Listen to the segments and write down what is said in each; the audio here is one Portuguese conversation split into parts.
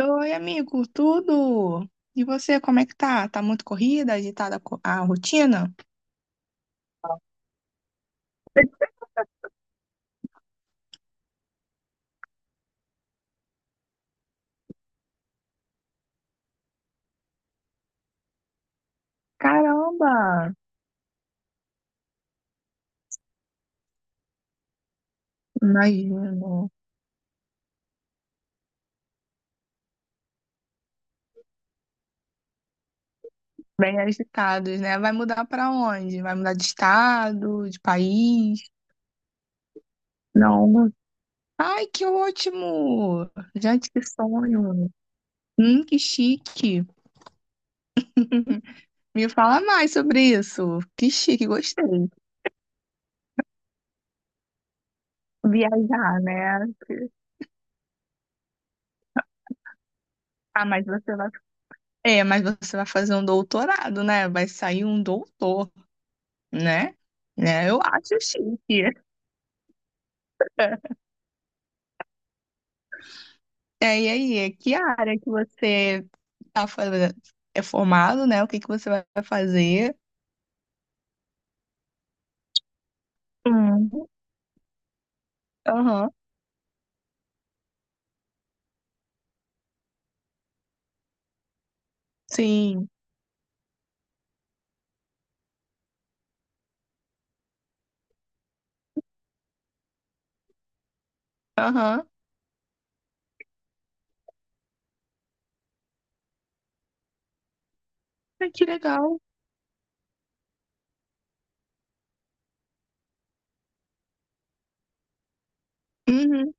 Oi, amigo, tudo? E você, como é que tá? Tá muito corrida, agitada a rotina? Caramba, imagino. Bem agitados, né? Vai mudar pra onde? Vai mudar de estado, de país? Não. Ai, que ótimo! Gente, que sonho! Que chique! Me fala mais sobre isso. Que chique, gostei. Viajar, né? Ah, mas você vai. É, mas você vai fazer um doutorado, né? Vai sair um doutor. Né? Né? Eu acho chique. É, e aí, que área que você tá fazendo? É formado, né? O que que você vai fazer? Hum, Aham, sim, aham. Ai, que legal. Uhum,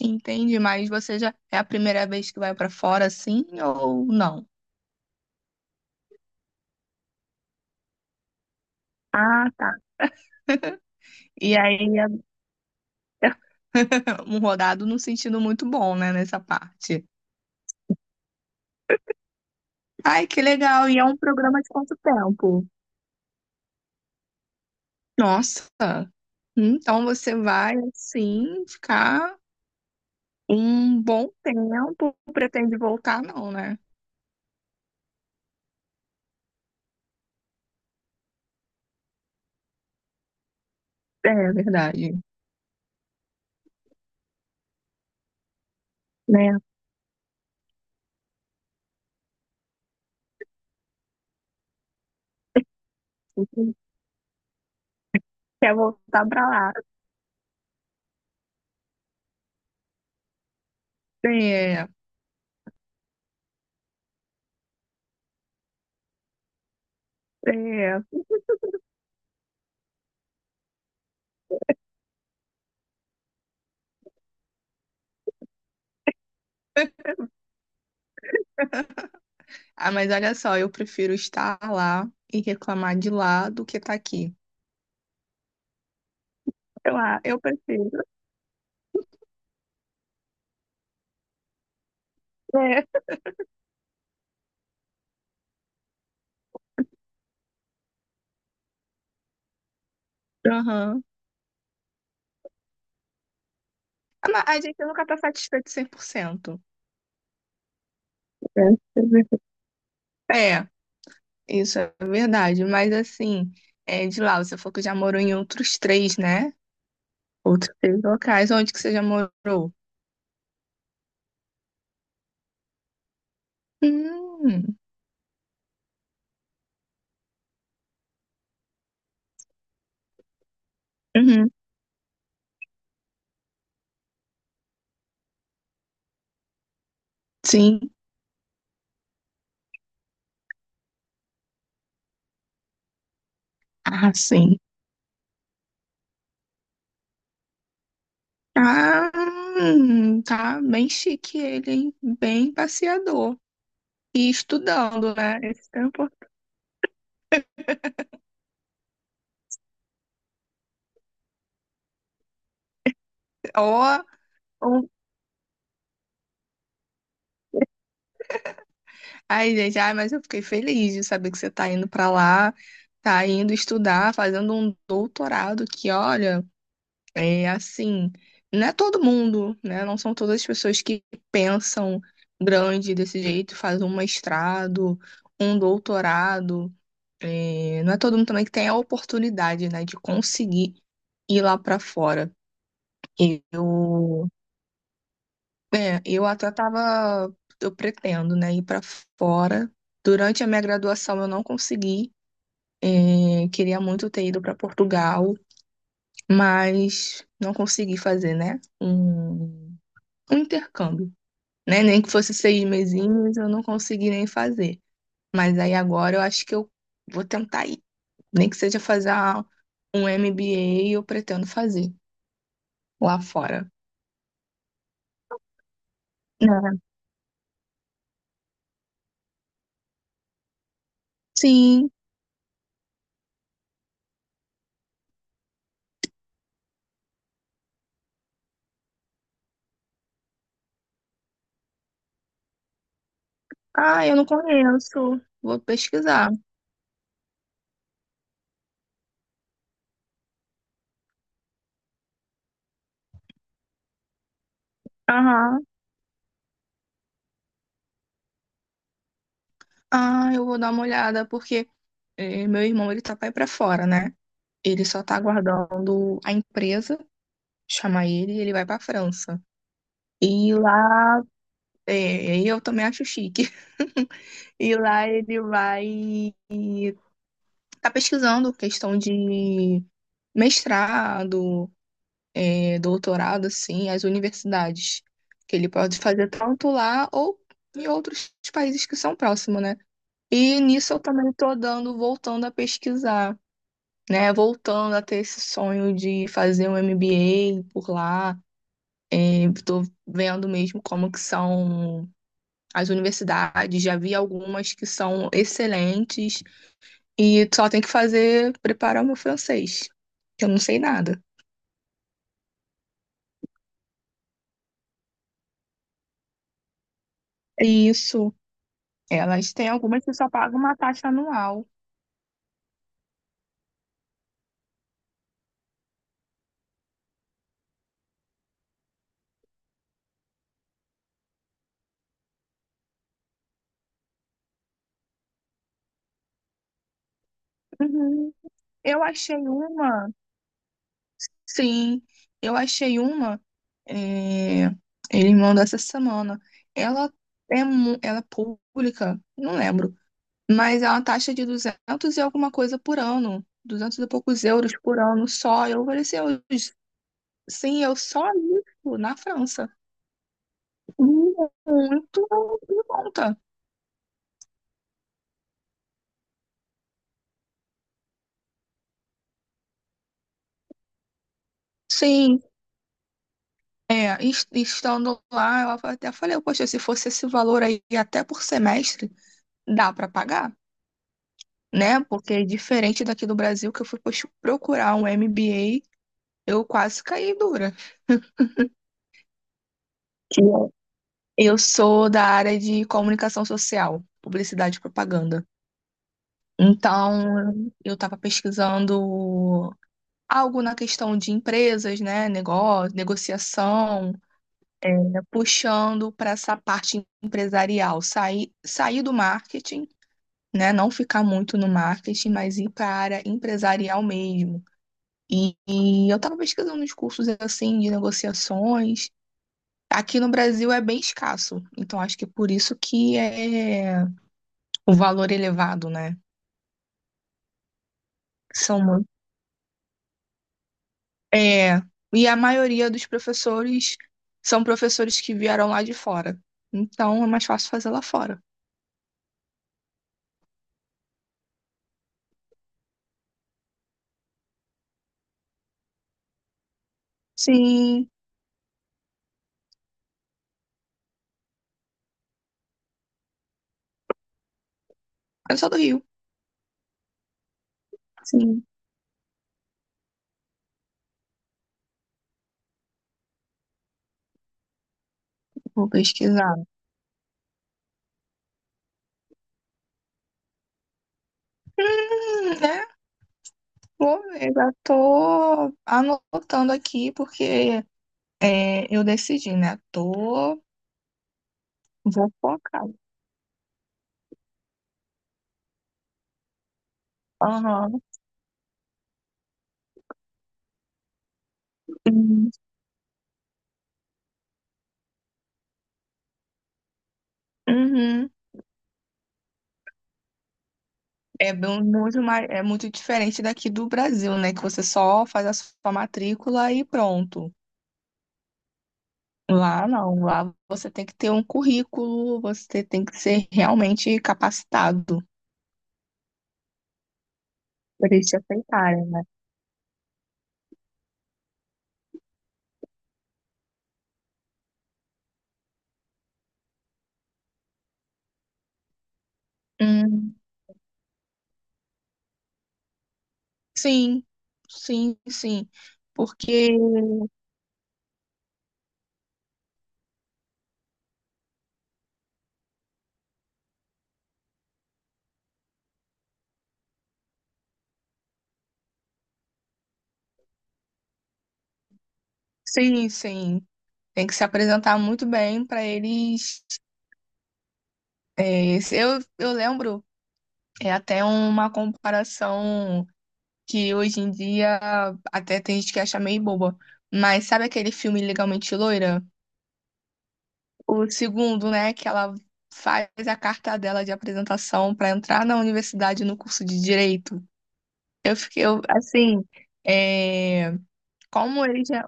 entendi, mas você já é a primeira vez que vai pra fora assim ou não? Ah, tá. E aí, um rodado num sentido muito bom, né, nessa parte. Ai, que legal. E é um programa de quanto tempo? Nossa. Então você vai, assim, ficar um bom tempo, pretende voltar, não, né? É verdade, né? Quer voltar pra lá. É, é. Ah, mas olha só, eu prefiro estar lá e reclamar de lá do que estar aqui. Eu, ah, eu prefiro. É. Aham. Ah, mas a gente nunca tá satisfeito 100%. É, é, isso é verdade. Mas assim, é, de lá, você falou que já morou em outros três, né? Outros três locais. Onde que você já morou? Hum, uhum, sim. Ah, sim. Ah, tá bem chique ele, hein? Bem passeador. E estudando, né? Esse tempo. Ó, ó. Ai, gente, ai, mas eu fiquei feliz de saber que você tá indo pra lá, tá indo estudar, fazendo um doutorado que, olha. É assim, não é todo mundo, né? Não são todas as pessoas que pensam grande desse jeito, fazem um mestrado, um doutorado. É, não é todo mundo também que tem a oportunidade, né, de conseguir ir lá para fora. Eu, é, eu até tava, eu pretendo, né, ir para fora. Durante a minha graduação eu não consegui. É, queria muito ter ido para Portugal, mas não consegui fazer, né? Um intercâmbio, né? Nem que fosse 6 mesinhos, eu não consegui nem fazer. Mas aí agora eu acho que eu vou tentar ir. Nem que seja fazer um MBA, eu pretendo fazer lá fora. É. Sim. Ah, eu não conheço. Vou pesquisar. Aham. Ah, eu vou dar uma olhada, porque meu irmão, ele tá pra ir pra fora, né? Ele só tá aguardando a empresa chamar ele e ele vai pra França. E lá, é, eu também acho chique. E lá ele vai tá pesquisando questão de mestrado, é, doutorado, assim, as universidades, que ele pode fazer tanto lá ou em outros países que são próximos, né? E nisso eu também tô dando, voltando a pesquisar, né? Voltando a ter esse sonho de fazer um MBA por lá. Estou vendo mesmo como que são as universidades, já vi algumas que são excelentes e só tem que fazer preparar o meu francês, que eu não sei nada. É isso. Elas têm algumas que só pagam uma taxa anual. Uhum. Eu achei uma, sim, eu achei uma, é, ele mandou essa semana. Ela é, ela é pública, não lembro, mas é uma taxa de 200 e alguma coisa por ano, 200 e poucos euros por ano só. Eu falei assim, "Ô, sim, eu só isso na França. Muito em conta. Sim, é, estando lá, eu até falei, poxa, se fosse esse valor aí até por semestre, dá para pagar, né? Porque é diferente daqui do Brasil, que eu fui poxa, procurar um MBA, eu quase caí dura. Que eu sou da área de comunicação social, publicidade e propaganda. Então, eu estava pesquisando algo na questão de empresas, né, negócio, negociação, é, puxando para essa parte empresarial, sair, sair do marketing, né, não ficar muito no marketing, mas ir para a área empresarial mesmo. E eu estava pesquisando uns cursos assim de negociações. Aqui no Brasil é bem escasso, então acho que é por isso que é o valor elevado, né? São, é, e a maioria dos professores são professores que vieram lá de fora. Então é mais fácil fazer lá fora. Sim, eu sou do Rio. Sim, vou pesquisar. Né? Vou ver, já tô anotando aqui porque é, eu decidi, né? Tô, vou focar. Aham. Hum, uhum. É muito mais, é muito diferente daqui do Brasil, né? Que você só faz a sua matrícula e pronto. Lá não, lá você tem que ter um currículo, você tem que ser realmente capacitado para eles te aceitarem, né? Hum, sim, sim, sim. Porque, sim, sim, tem que se apresentar muito bem para eles. É, se eu, eu lembro, é até uma comparação que hoje em dia até tem gente que acha meio boba. Mas sabe aquele filme Legalmente Loira? O segundo, né, que ela faz a carta dela de apresentação para entrar na universidade no curso de direito. Eu fiquei, eu, assim, é, como eles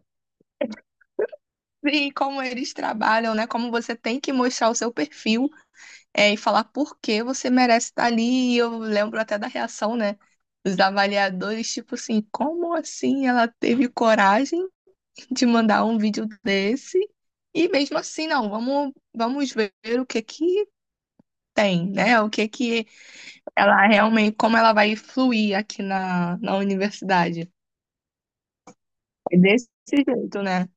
sim, como eles trabalham, né? Como você tem que mostrar o seu perfil, é, e falar por que você merece estar ali. E eu lembro até da reação, né? Dos avaliadores, tipo assim, como assim ela teve coragem de mandar um vídeo desse? E mesmo assim, não, vamos, vamos ver o que que tem, né? O que que ela realmente, como ela vai fluir aqui na, na universidade. É desse jeito, né?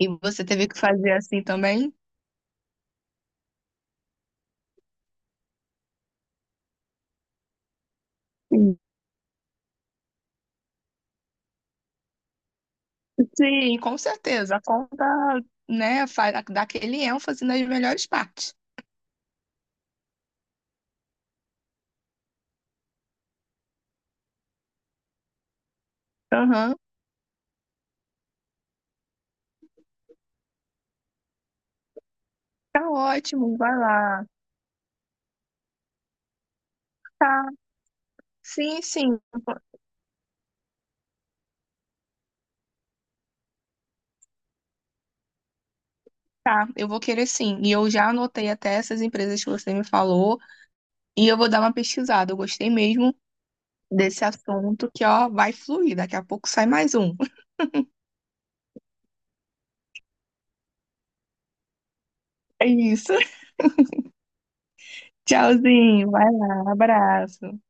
E você teve que fazer assim também? Sim, sim, com certeza. A conta, né, faz, dá aquele ênfase nas melhores partes. Aham. Tá ótimo, vai lá. Tá. Sim, sim. Tá, eu vou querer sim. E eu já anotei até essas empresas que você me falou. E eu vou dar uma pesquisada. Eu gostei mesmo desse assunto que, ó, vai fluir. Daqui a pouco sai mais um. É isso. Tchauzinho. Vai lá. Abraço.